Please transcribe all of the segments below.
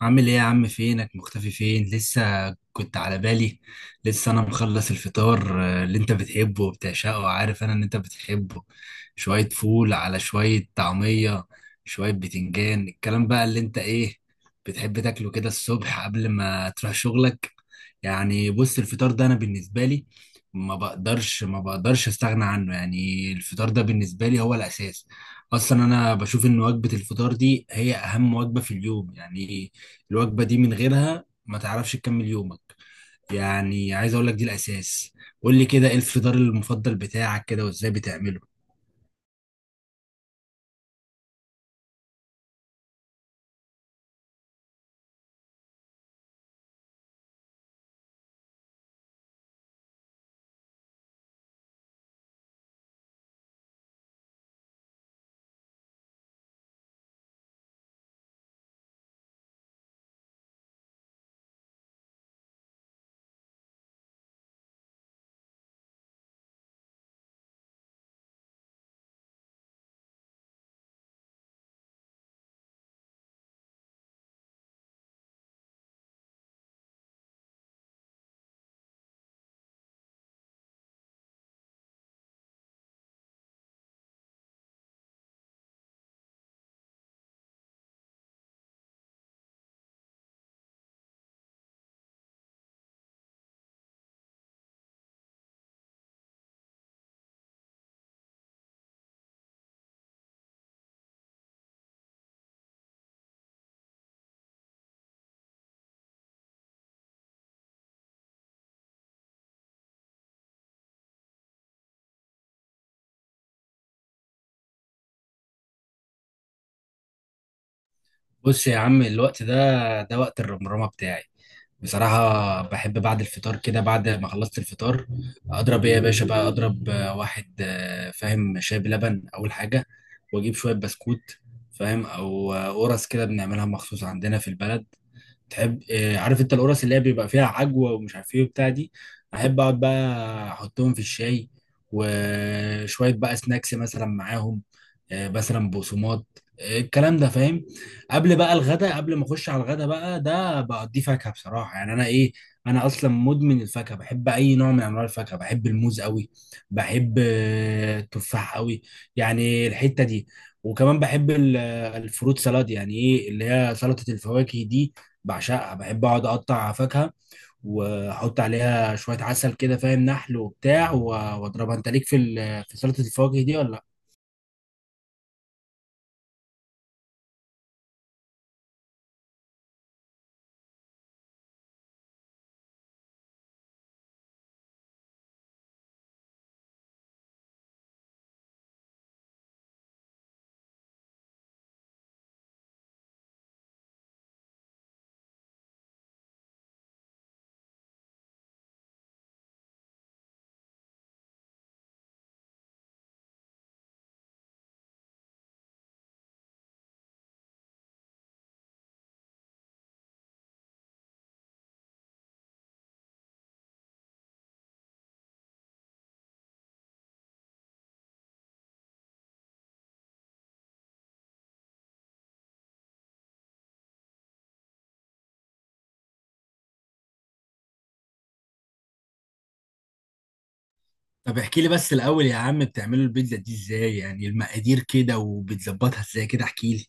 عامل ايه يا عم؟ فينك مختفي؟ فين لسه كنت على بالي. لسه انا مخلص الفطار، اللي انت بتحبه وبتعشقه، وعارف انا ان انت بتحبه. شوية فول على شوية طعمية، شوية بتنجان، الكلام بقى اللي انت ايه بتحب تاكله كده الصبح قبل ما تروح شغلك. يعني بص، الفطار ده انا بالنسبة لي ما بقدرش استغنى عنه. يعني الفطار ده بالنسبة لي هو الاساس. اصلا انا بشوف ان وجبة الفطار دي هي اهم وجبة في اليوم، يعني الوجبة دي من غيرها ما تعرفش تكمل يومك. يعني عايز اقول لك دي الاساس. قول لي كده، ايه الفطار المفضل بتاعك كده وازاي بتعمله؟ بص يا عم، الوقت ده ده وقت الرمرامة بتاعي. بصراحة بحب بعد الفطار كده، بعد ما خلصت الفطار، أضرب إيه يا باشا بقى، أضرب واحد، فاهم، شاي بلبن أول حاجة، وأجيب شوية بسكوت، فاهم؟ أو قرص، كده بنعملها مخصوص عندنا في البلد. تحب عارف انت القرص اللي هي بيبقى فيها عجوه ومش عارف ايه وبتاع دي؟ احب اقعد بقى احطهم في الشاي، وشويه بقى سناكس مثلا معاهم. مثلا بقسماط، الكلام ده، فاهم. قبل بقى الغدا، قبل ما اخش على الغدا بقى، ده بقضيه فاكهه، بصراحه يعني انا ايه، انا اصلا مدمن الفاكهه. بحب اي نوع من انواع الفاكهه، بحب الموز قوي، بحب التفاح قوي، يعني الحته دي. وكمان بحب الفروت سلاد، يعني ايه اللي هي سلطه الفواكه دي، بعشقها. بحب اقعد اقطع فاكهه واحط عليها شويه عسل كده، فاهم، نحل وبتاع، واضربها. انت ليك في سلطه الفواكه دي ولا لا؟ طب احكي لي بس الاول يا عم، بتعملوا البيتزا دي ازاي يعني؟ المقادير كده وبتظبطها ازاي كده، احكي لي.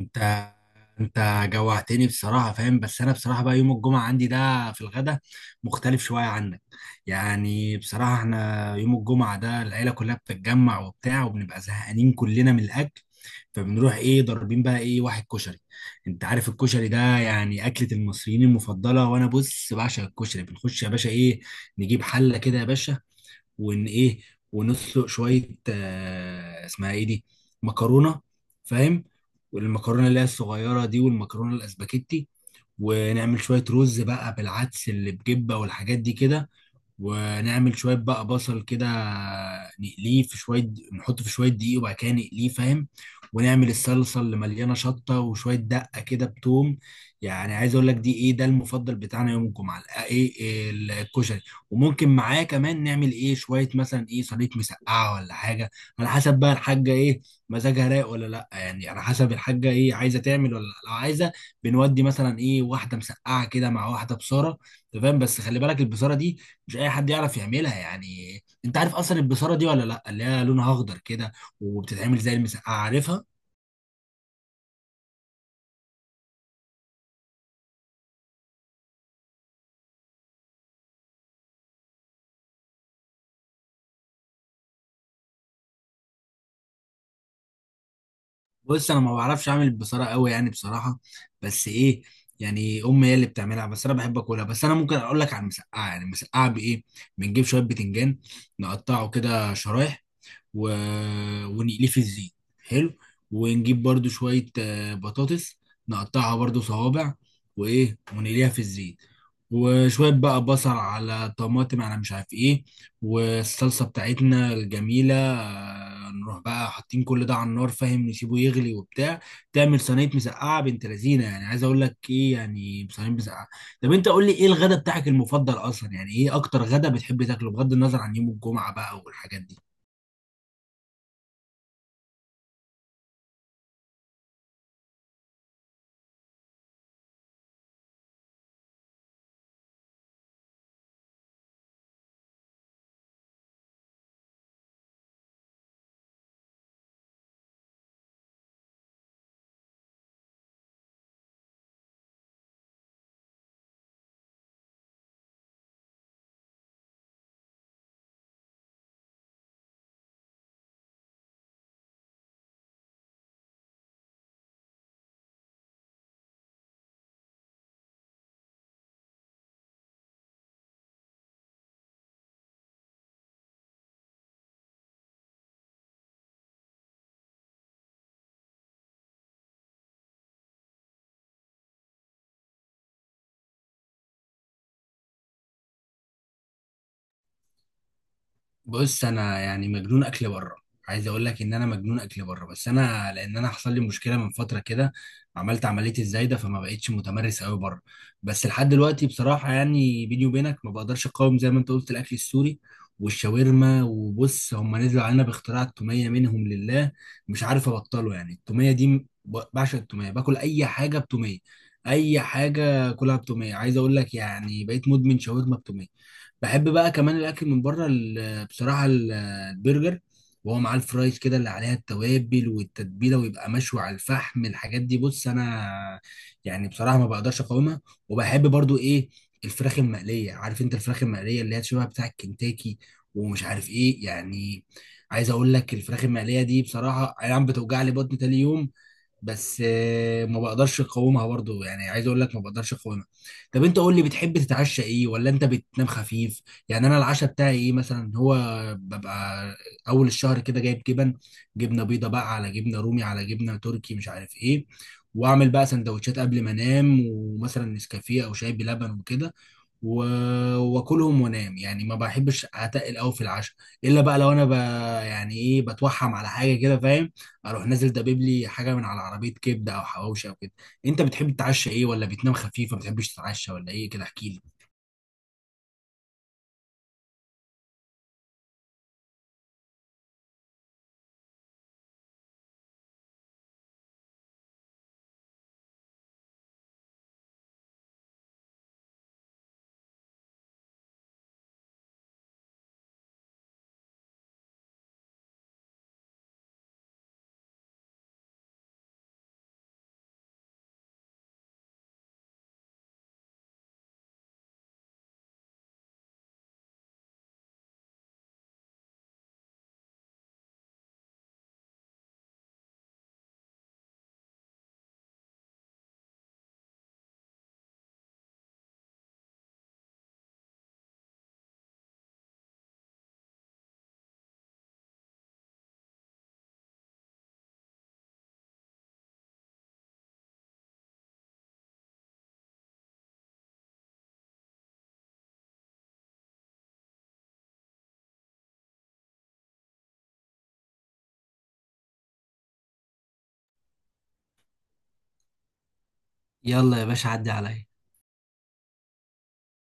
انت انت جوعتني بصراحة، فاهم؟ بس انا بصراحة بقى يوم الجمعة عندي ده في الغدا مختلف شوية عنك. يعني بصراحة احنا يوم الجمعة ده العيلة كلها بتتجمع وبتاع، وبنبقى زهقانين كلنا من الاكل، فبنروح ايه ضاربين بقى ايه واحد كشري. انت عارف الكشري ده يعني اكلة المصريين المفضلة، وانا بص بعشق الكشري. بنخش يا باشا ايه، نجيب حلة كده يا باشا، وان ايه، ونسلق شويه، آه اسمها ايه دي، مكرونه، فاهم، والمكرونه اللي هي الصغيره دي والمكرونه الاسباجيتي. ونعمل شويه رز بقى بالعدس اللي بجبه والحاجات دي كده، ونعمل شويه بقى بصل كده، نقليه في شويه، نحطه في شويه دقيق وبعد كده نقليه، فاهم. ونعمل الصلصه اللي مليانه شطه وشويه دقه كده بتوم. يعني عايز اقول لك دي ايه، ده المفضل بتاعنا يوم الجمعه، ايه، إيه الكشري. وممكن معاه كمان نعمل ايه شويه مثلا ايه صينيه مسقعه ولا حاجه، على حسب بقى الحاجه ايه مزاجها رايق ولا لا. يعني على حسب الحاجه ايه عايزه تعمل ولا لأ. لو عايزه بنودي مثلا ايه واحده مسقعه كده مع واحده بصاره، تمام. بس خلي بالك البصاره دي مش اي حد يعرف يعملها. يعني انت عارف اصلا البصاره دي ولا لا؟ اللي هي لونها اخضر كده وبتتعمل زي المسقعه، عارفها. بص انا ما بعرفش اعمل البصاره قوي يعني بصراحه، بس ايه، يعني امي هي اللي بتعملها، بس انا بحب اكلها. بس انا ممكن اقول لك على المسقعه، يعني المسقعه بايه، بنجيب شويه بتنجان نقطعه كده شرايح، و... ونقليه في الزيت، حلو. ونجيب برضو شوية بطاطس، نقطعها برضو صوابع، وإيه ونقليها في الزيت. وشوية بقى بصل على طماطم على مش عارف إيه، والصلصة بتاعتنا الجميلة، نروح بقى حاطين كل ده على النار، فاهم، نسيبه يغلي وبتاع. تعمل صينية مسقعة بنت لذينة، يعني عايز أقول لك إيه، يعني صينية مسقعة. طب أنت قول لي إيه الغدا بتاعك المفضل أصلا؟ يعني إيه أكتر غدا بتحب تاكله بغض النظر عن يوم الجمعة بقى والحاجات دي؟ بص انا يعني مجنون اكل بره. عايز اقول لك ان انا مجنون اكل بره، بس انا لان انا حصل لي مشكله من فتره كده، عملت عمليه الزايده، فما بقتش متمرس قوي بره. بس لحد دلوقتي بصراحه يعني بيني وبينك ما بقدرش اقاوم، زي ما انت قلت، الاكل السوري والشاورما. وبص، هم نزلوا علينا باختراع التوميه منهم لله، مش عارف ابطله. يعني التوميه دي بعشق التوميه، باكل اي حاجه بتوميه، اي حاجه كلها بتوميه. عايز اقول لك يعني بقيت مدمن شاورما بتوميه. بحب بقى كمان الاكل من بره، بصراحه، البرجر، وهو معاه الفرايز كده اللي عليها التوابل والتتبيله، ويبقى مشوي على الفحم. الحاجات دي بص انا يعني بصراحه ما بقدرش اقاومها. وبحب برضو ايه، الفراخ المقليه، عارف انت الفراخ المقليه اللي هي شبه بتاع الكنتاكي ومش عارف ايه يعني؟ عايز اقول لك الفراخ المقليه دي بصراحه اي نعم بتوجع لي بطني تاني يوم، بس ما بقدرش اقاومها برضو. يعني عايز اقول لك ما بقدرش اقاومها. طب انت قول لي، بتحب تتعشى ايه، ولا انت بتنام خفيف؟ يعني انا العشاء بتاعي ايه مثلا، هو ببقى اول الشهر كده جايب جبن، جبنه بيضه بقى على جبنه رومي على جبنه تركي مش عارف ايه، واعمل بقى سندوتشات قبل ما انام، ومثلا نسكافيه او شاي بلبن وكده، و- واكلهم وانام. يعني ما بحبش اتقل قوي في العشاء، الا بقى لو انا يعني ايه بتوحم على حاجه كده، فاهم، اروح نازل دبيب لي حاجه من على عربيه كبده او حواوشي او كده. انت بتحب تتعشى ايه، ولا بتنام خفيف، ما بتحبش تتعشى ولا ايه كده؟ احكي لي. يلا يا باشا، عدي عليا.